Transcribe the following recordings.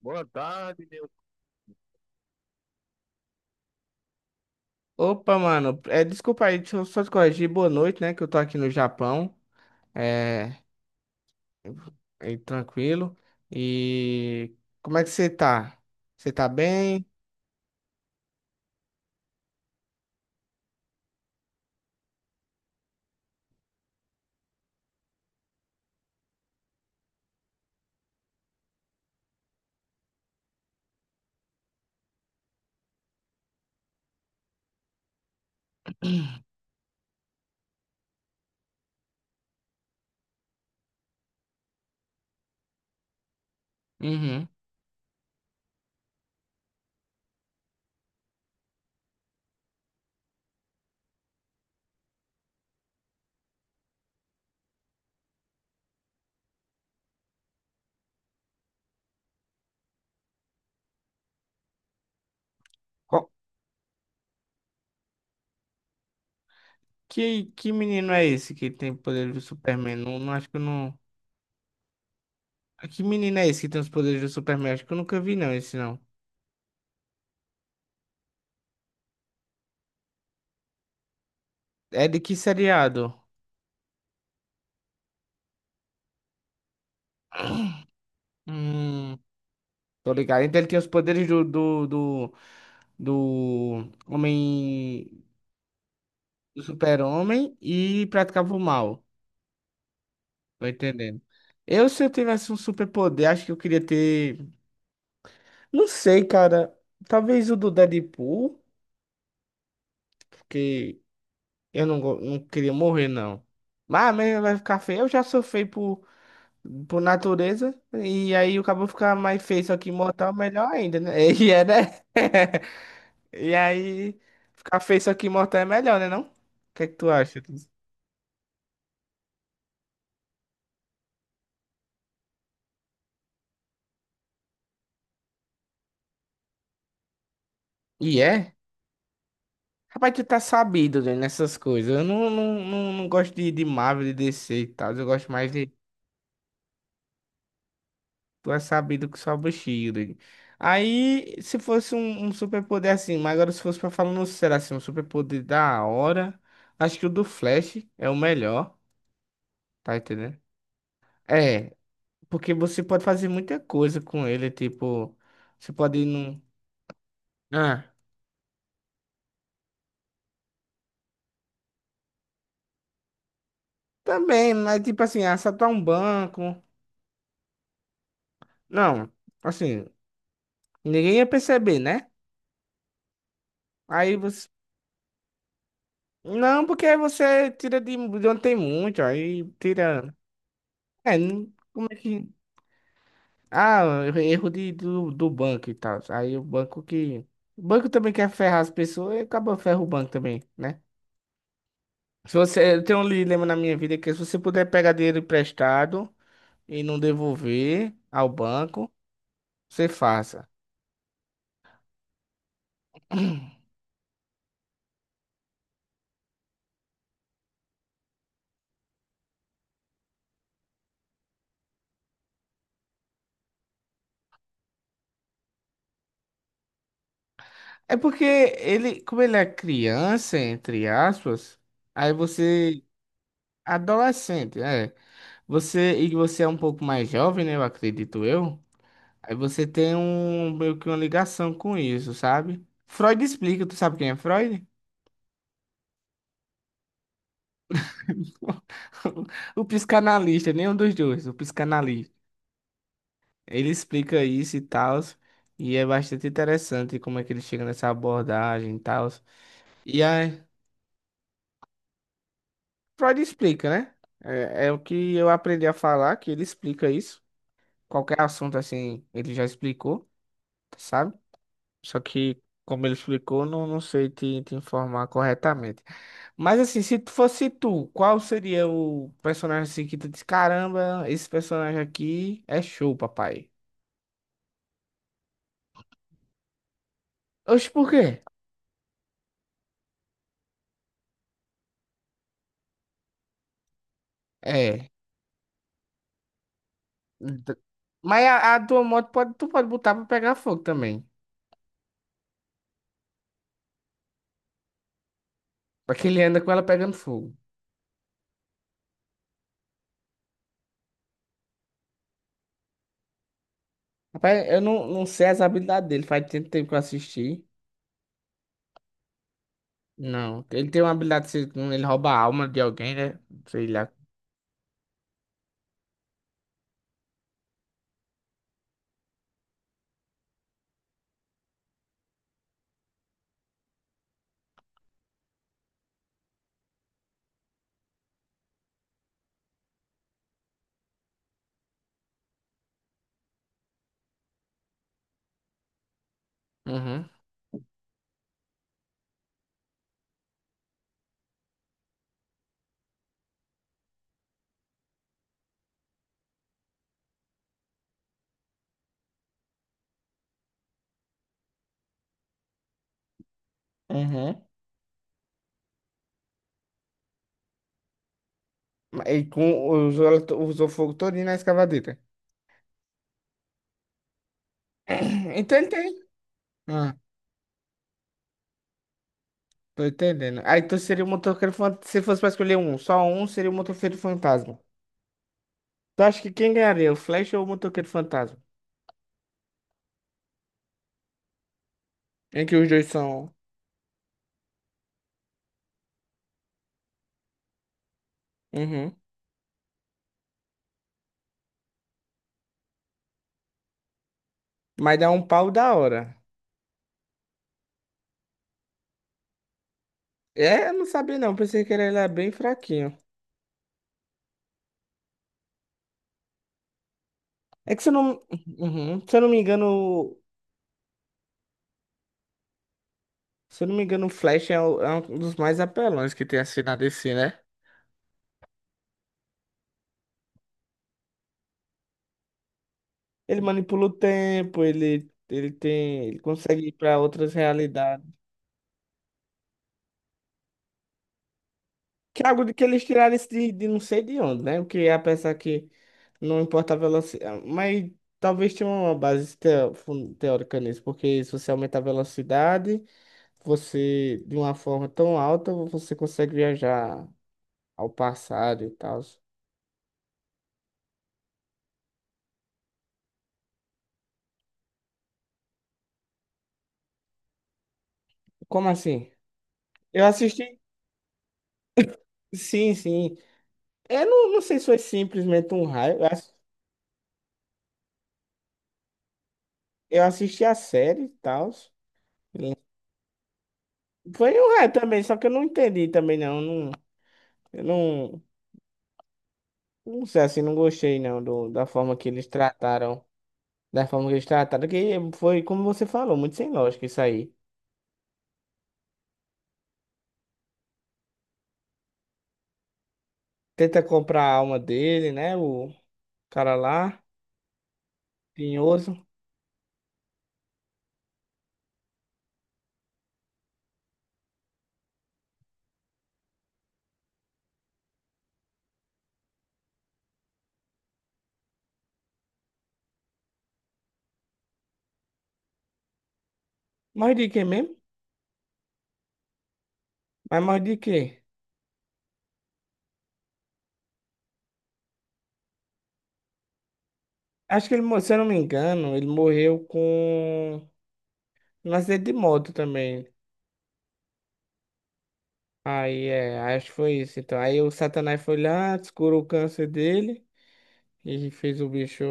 Boa tarde, meu. Opa, mano, desculpa aí, deixa eu só te corrigir. Boa noite, né? Que eu tô aqui no Japão. É, é tranquilo. E como é que você tá? Você tá bem? Uhum. Qual- que menino é esse que tem poder do Superman? Não, acho que eu não. Ah, que menino é esse que tem os poderes do Superman? Acho que eu nunca vi, não, esse não. É de que seriado? Hum, tô ligado. Então ele tem os poderes do Homem. Do super-homem e praticava o mal. Tô entendendo. Eu, se eu tivesse um superpoder, acho que eu queria ter. Não sei, cara. Talvez o do Deadpool, porque eu não, não queria morrer, não. Mas mesmo vai ficar feio. Eu já sou feio por natureza. E aí o cabo ficar mais feio, só que imortal, melhor ainda, né? E é, né? E aí, ficar feio, só que imortal é melhor, né? Não? O que é que tu acha? E é? Rapaz, tu tá sabido, velho, nessas coisas. Eu não gosto de Marvel, de DC e tal. Eu gosto mais de. Tu é sabido que sobra o Shield. Aí, se fosse um superpoder assim, mas agora se fosse pra falar no sério assim, um superpoder da hora, acho que o do Flash é o melhor, tá entendendo? É, porque você pode fazer muita coisa com ele, tipo, você pode ir num. Ah, também, mas tipo assim, assaltar um banco. Não, assim, ninguém ia perceber, né? Aí você não, porque aí você tira de onde tem muito, aí tira. É, como é que. Ah, erro do banco e tal. Aí o banco que. O banco também quer ferrar as pessoas e acaba ferra o banco também, né? Se você, eu tenho um dilema na minha vida que se você puder pegar dinheiro emprestado e não devolver ao banco, você faça. É porque ele, como ele é criança, entre aspas, aí você. Adolescente, é. Você, e você é um pouco mais jovem, né? Eu acredito eu. Aí você tem um, meio que uma ligação com isso, sabe? Freud explica, tu sabe quem é Freud? O psicanalista, nenhum dos dois, o psicanalista. Ele explica isso e tal, e é bastante interessante como é que ele chega nessa abordagem e tal. E aí, Freud explica, né? É o que eu aprendi a falar, que ele explica isso. Qualquer assunto assim, ele já explicou, sabe? Só que, como ele explicou, não, não sei te informar corretamente. Mas assim, se tu fosse tu, qual seria o personagem assim que tu diz, caramba, esse personagem aqui é show, papai. Oxe, por quê? É. d- Mas a tua moto pode, tu pode botar pra pegar fogo também. Pra que ele anda com ela pegando fogo. Rapaz, eu não sei as habilidades dele, faz tanto tempo que eu assisti. Não, ele tem uma habilidade, se ele rouba a alma de alguém, né? Sei lá. Uhum. Uhum. E com, usou, usou fogo todinho na escavadeira. Entendi. Ah, tô entendendo. Aí tu seria o motoqueiro fantasma. Se fosse pra escolher um, só um seria o motoqueiro fantasma. Tu acha que quem ganharia, o Flash ou o motoqueiro fantasma? Em que os dois são. Uhum. Mas dá um pau da hora. É, eu não sabia não. Pensei que ele era bem fraquinho. É que se eu não. Uhum. Se eu não me engano. Se eu não me engano, o Flash é, é um dos mais apelões que tem assim na DC, né? Ele manipula o tempo, ele tem, ele consegue ir para outras realidades. Que é algo de que eles tiraram isso de não sei de onde, né? O que é pensar que não importa a velocidade, mas talvez tenha uma base teórica nisso, porque se você aumentar a velocidade, você de uma forma tão alta, você consegue viajar ao passado e tal. Como assim? Eu assisti, sim, sim. Eu não, não sei se foi simplesmente um raio. Eu assisti a série e tal. Foi um ré também, só que eu não entendi também, não. Não, eu não, não sei assim, não gostei, não, do, da forma que eles trataram. Da forma que eles trataram, que foi, como você falou, muito sem lógica isso aí. Tenta comprar a alma dele, né? O cara lá, tinhoso. Mas de quê mesmo? Mas mais de quê? Acho que ele, se eu não me engano, ele morreu com um acidente de moto também. Aí é, acho que foi isso. Então, aí o Satanás foi lá, descurou o câncer dele e fez o bicho.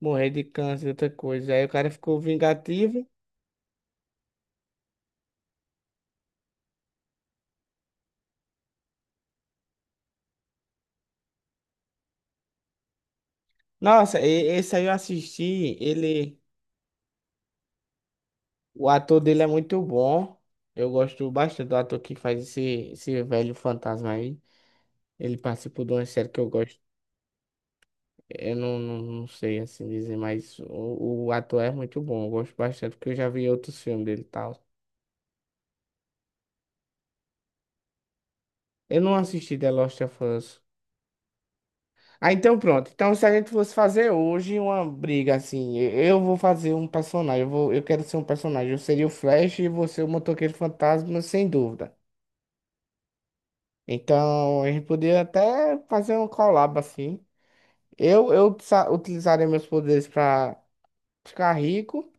Morrer de câncer, outra coisa. Aí o cara ficou vingativo. Nossa, esse aí eu assisti, ele, o ator dele é muito bom. Eu gosto bastante do ator que faz esse velho fantasma aí. Ele participou de uma série que eu gosto. Eu não sei assim dizer, mas o ator é muito bom. Eu gosto bastante, porque eu já vi outros filmes dele e tal. Eu não assisti The Last of Us. Ah, então pronto. Então, se a gente fosse fazer hoje uma briga assim, eu vou fazer um personagem, eu vou, eu quero ser um personagem. Eu seria o Flash e você o motoqueiro fantasma, sem dúvida. Então, a gente poderia até fazer um collab assim. Eu utilizaria meus poderes pra ficar rico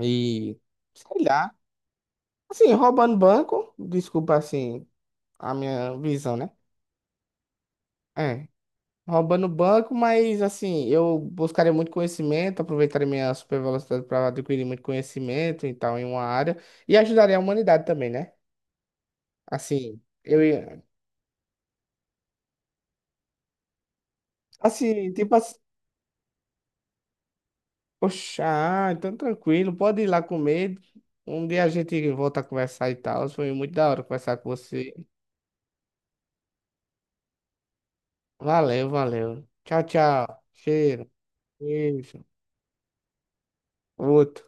e, sei lá, assim, roubando banco. Desculpa, assim, a minha visão, né? É. Roubando banco, mas assim, eu buscaria muito conhecimento, aproveitaria minha super velocidade para adquirir muito conhecimento e tal em uma área e ajudaria a humanidade também, né? Assim, eu ia assim, tipo assim, poxa, ah, então tranquilo, pode ir lá comer. Um dia a gente volta a conversar e tal. Foi muito da hora conversar com você. Valeu, valeu. Tchau, tchau. Cheiro. Beijo. Outro.